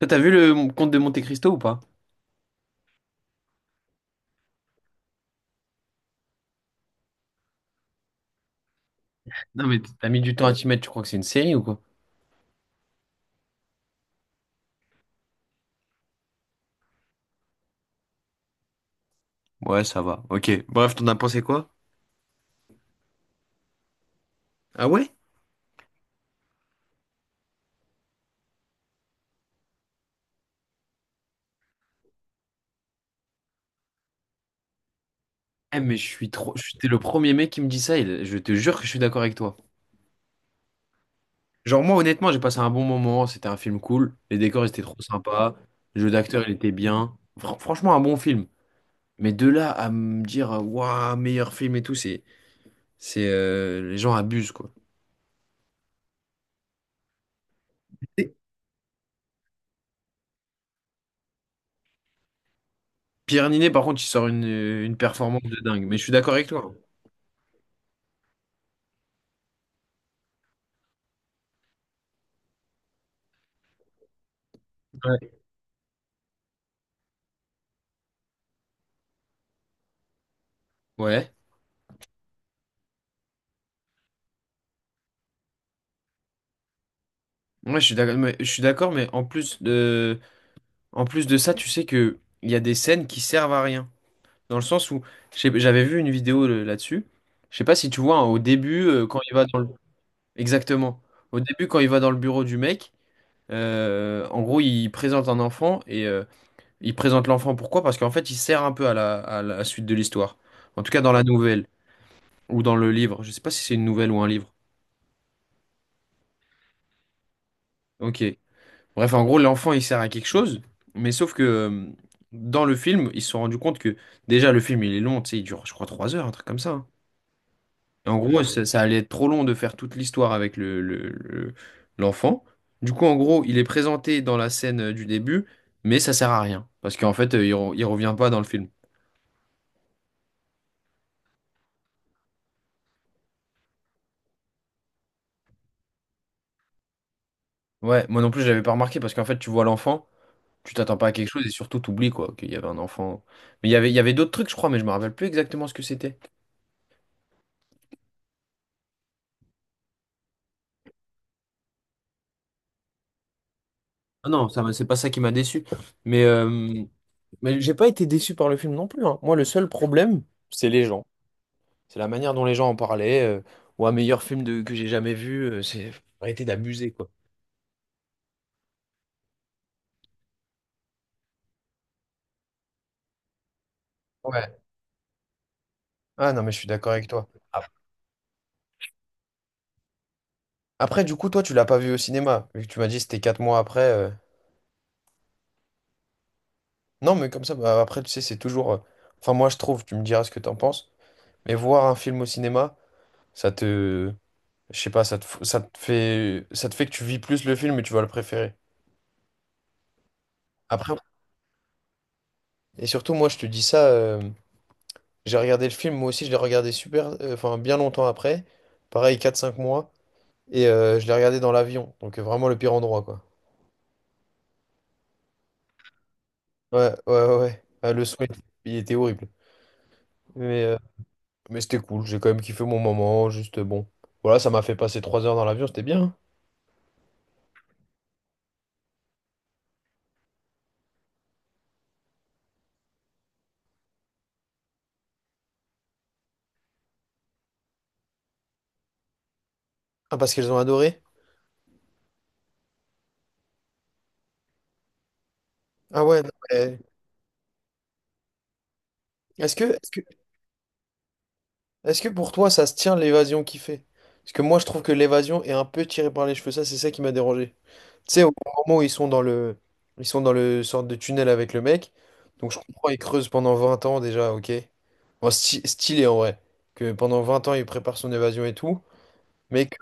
Toi, t'as vu le Comte de Monte Cristo ou pas? Non mais t'as mis du temps à t'y mettre, tu crois que c'est une série ou quoi? Ouais, ça va. Ok. Bref, t'en as pensé quoi? Ah ouais? Eh mais je suis trop. T'es le premier mec qui me dit ça et je te jure que je suis d'accord avec toi. Genre, moi honnêtement j'ai passé un bon moment, c'était un film cool, les décors ils étaient trop sympas, le jeu d'acteur il était bien. Franchement un bon film. Mais de là à me dire waouh meilleur film et tout, c'est. C'est les gens abusent quoi. Et Pierre Ninet par contre il sort une performance de dingue, mais je suis d'accord avec toi. Ouais. Ouais. Ouais, je suis d'accord, mais en plus de ça, tu sais que il y a des scènes qui servent à rien. Dans le sens où, j'avais vu une vidéo là-dessus. Je sais pas si tu vois, hein, au début, quand il va dans le... Exactement. Au début, quand il va dans le bureau du mec, en gros, il présente un enfant et il présente l'enfant. Pourquoi? Parce qu'en fait, il sert un peu à la suite de l'histoire. En tout cas, dans la nouvelle ou dans le livre. Je sais pas si c'est une nouvelle ou un livre. Ok. Bref, en gros, l'enfant, il sert à quelque chose, mais sauf que dans le film, ils se sont rendus compte que déjà, le film, il est long, tu sais, il dure, je crois, 3 heures, un truc comme ça, hein. Et en gros, ça allait être trop long de faire toute l'histoire avec l'enfant. Du coup, en gros, il est présenté dans la scène du début, mais ça sert à rien, parce qu'en fait, il revient pas dans le film. Ouais, moi non plus, je l'avais pas remarqué, parce qu'en fait, tu vois l'enfant, tu t'attends pas à quelque chose, et surtout, t'oublies, quoi, qu'il y avait un enfant. Mais il y avait d'autres trucs, je crois, mais je me rappelle plus exactement ce que c'était. Ah non, c'est pas ça qui m'a déçu. Mais, euh, mais j'ai pas été déçu par le film non plus, hein. Moi, le seul problème, c'est les gens. C'est la manière dont les gens en parlaient. Ou un meilleur film de, que j'ai jamais vu. C'est faut arrêter d'abuser, quoi. Ouais. Ah non, mais je suis d'accord avec toi. Après, du coup, toi, tu l'as pas vu au cinéma, vu que tu m'as dit c'était 4 mois après. Non, mais comme ça, bah, après, tu sais, c'est toujours. Enfin, moi, je trouve, tu me diras ce que t'en penses, mais voir un film au cinéma, ça te. Je sais pas, ça te fait que tu vis plus le film et tu vas le préférer. Après, Et surtout, moi, je te dis ça, j'ai regardé le film, moi aussi, je l'ai regardé super, enfin, bien longtemps après. Pareil, quatre cinq mois. Et je l'ai regardé dans l'avion. Donc, vraiment le pire endroit, quoi. Ouais, ouais, ouais. Ouais. Ah, le son, il était horrible. Mais, euh, mais c'était cool, j'ai quand même kiffé mon moment, juste bon. Voilà, ça m'a fait passer 3 heures dans l'avion, c'était bien, hein. Ah, parce qu'elles ont adoré? Ah ouais, non. Est-ce que, est-ce que, Est-ce que pour toi, ça se tient l'évasion qu'il fait? Parce que moi, je trouve que l'évasion est un peu tirée par les cheveux. Ça, c'est ça qui m'a dérangé. Tu sais, au moment où ils sont dans le sorte de tunnel avec le mec. Donc, je comprends, ils creusent pendant 20 ans déjà, ok. Bon, stylé en vrai. Que pendant 20 ans, il prépare son évasion et tout. Mais que,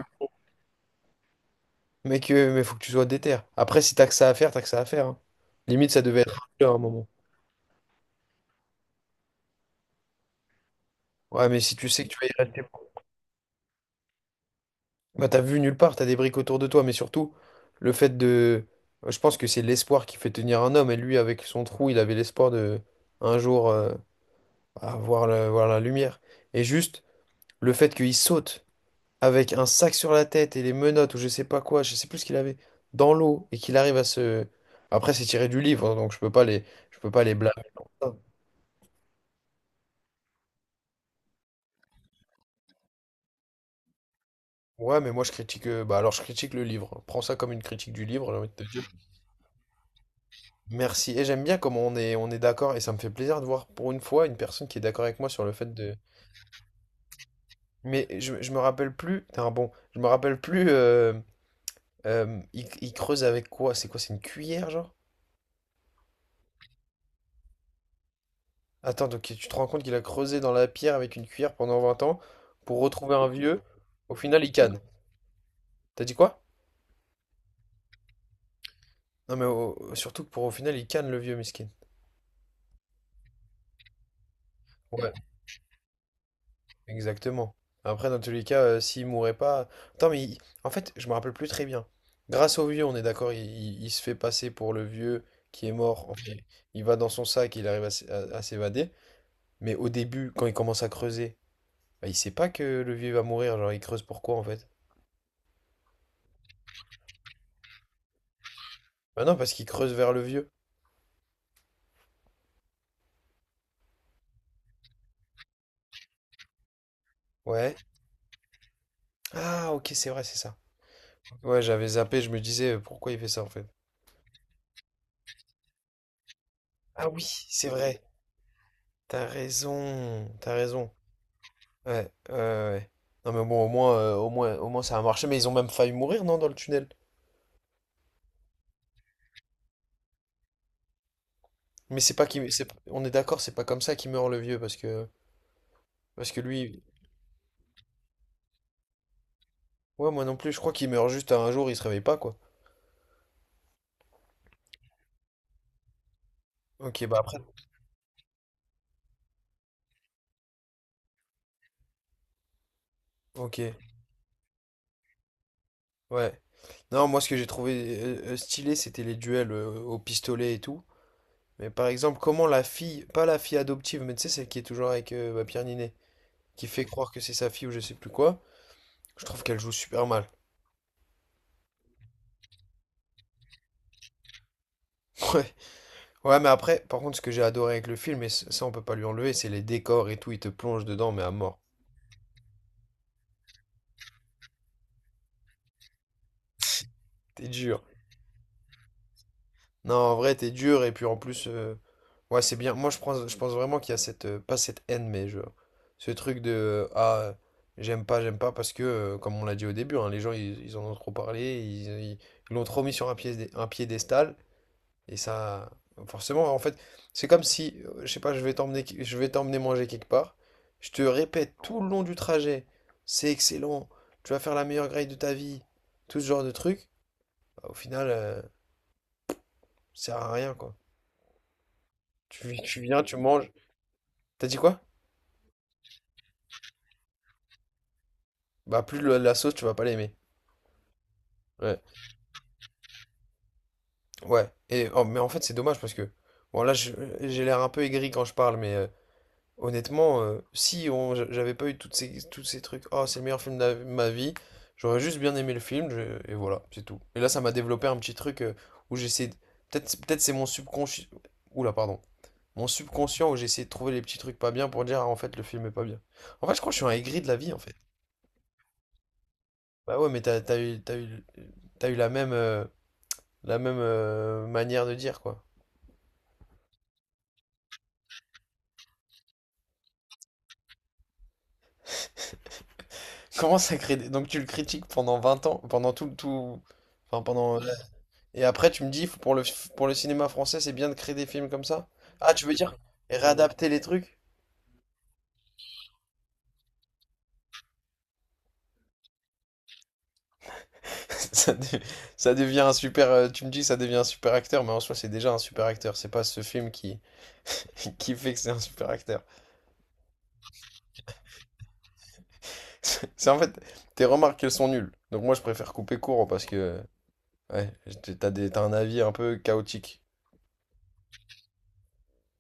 mais faut que tu sois déter. Après, si t'as que ça à faire, t'as que ça à faire, hein. Limite, ça devait être là à un moment. Ouais, mais si tu sais que tu vas y rester. Bah, t'as vu nulle part, t'as des briques autour de toi, mais surtout, le fait de... Je pense que c'est l'espoir qui fait tenir un homme, et lui, avec son trou, il avait l'espoir de, un jour, voir la lumière. Et juste, le fait qu'il saute avec un sac sur la tête et les menottes, ou je sais pas quoi, je sais plus ce qu'il avait, dans l'eau, et qu'il arrive à se... Après, c'est tiré du livre, hein, donc je peux pas les blâmer. Ouais, mais moi, bah, alors, je critique le livre. Prends ça comme une critique du livre, j'ai envie de te dire. Merci. Et j'aime bien comment on est d'accord. Et ça me fait plaisir de voir pour une fois une personne qui est d'accord avec moi sur le fait de. Mais je me rappelle plus. Putain, bon, je me rappelle plus. Il creuse avec quoi? C'est quoi? C'est une cuillère, genre? Attends, donc tu te rends compte qu'il a creusé dans la pierre avec une cuillère pendant 20 ans pour retrouver un vieux. Au final, il canne. T'as dit quoi? Non, mais surtout que pour au final, il canne le vieux, miskin. Ouais. Exactement. Après, dans tous les cas, s'il mourait pas. Attends, en fait, je me rappelle plus très bien. Grâce au vieux, on est d'accord, il se fait passer pour le vieux qui est mort. Enfin, il va dans son sac, il arrive à s'évader. Mais au début, quand il commence à creuser, bah, il sait pas que le vieux va mourir. Genre, il creuse pourquoi en fait? Bah non, parce qu'il creuse vers le vieux. Ouais. Ah, ok, c'est vrai, c'est ça. Ouais, j'avais zappé, je me disais pourquoi il fait ça en fait. Ah oui, c'est vrai. T'as raison, t'as raison. Ouais, ouais, ouais. Ouais. Non mais bon, au moins ça a marché, mais ils ont même failli mourir, non, dans le tunnel. Mais c'est pas qui, c'est, on est d'accord, c'est pas comme ça qu'il meurt le vieux, parce que lui, ouais, moi non plus, je crois qu'il meurt juste à un jour, il se réveille pas, quoi. Ok, bah après, ok, ouais. Non, moi ce que j'ai trouvé stylé, c'était les duels au pistolet et tout. Mais par exemple, comment la fille, pas la fille adoptive, mais tu sais, celle qui est toujours avec bah, Pierre Ninet, qui fait croire que c'est sa fille ou je sais plus quoi, je trouve qu'elle joue super mal. Ouais. Ouais, mais après, par contre, ce que j'ai adoré avec le film, et ça on peut pas lui enlever, c'est les décors et tout, il te plonge dedans, mais à mort. T'es dur. Non, en vrai, t'es dur, et puis en plus, ouais, c'est bien. Moi, je pense vraiment qu'il y a cette, pas cette haine, ce truc de, j'aime pas, parce que, comme on l'a dit au début, hein, les gens, ils en ont trop parlé, ils l'ont trop mis sur un piédestal, Et ça, forcément, en fait, c'est comme si, je sais pas, je vais t'emmener manger quelque part. Je te répète tout le long du trajet, c'est excellent, tu vas faire la meilleure grille de ta vie, tout ce genre de trucs. Bah, au final, ça sert à rien, quoi. Tu viens, tu manges. T'as dit quoi? Bah, plus la sauce, tu vas pas l'aimer. Ouais. Ouais. Et, oh, mais en fait, c'est dommage parce que, bon, là, j'ai l'air un peu aigri quand je parle, honnêtement, si on, j'a- j'avais pas eu tous ces trucs, oh, c'est le meilleur film de ma vie, j'aurais juste bien aimé le film, et voilà, c'est tout. Et là, ça m'a développé un petit truc où j'essaie. Peut-être c'est mon subconscient. Oula, pardon. Mon subconscient où j'essaie de trouver les petits trucs pas bien pour dire, ah, en fait, le film est pas bien. En fait, je crois que je suis un aigri de la vie, en fait. Bah ouais, mais t'as eu la même manière de dire, quoi. Comment ça crée. Donc, tu le critiques pendant 20 ans, pendant tout, tout... Enfin, pendant et après, tu me dis, pour pour le cinéma français, c'est bien de créer des films comme ça? Ah, tu veux dire et réadapter les trucs? Ça, de- ça devient un super. Tu me dis, ça devient un super acteur, mais en soi, c'est déjà un super acteur. C'est pas ce film qui, qui fait que c'est un super acteur. C'est en fait, tes remarques, elles sont nulles. Donc moi, je préfère couper court parce que, ouais, t'as un avis un peu chaotique.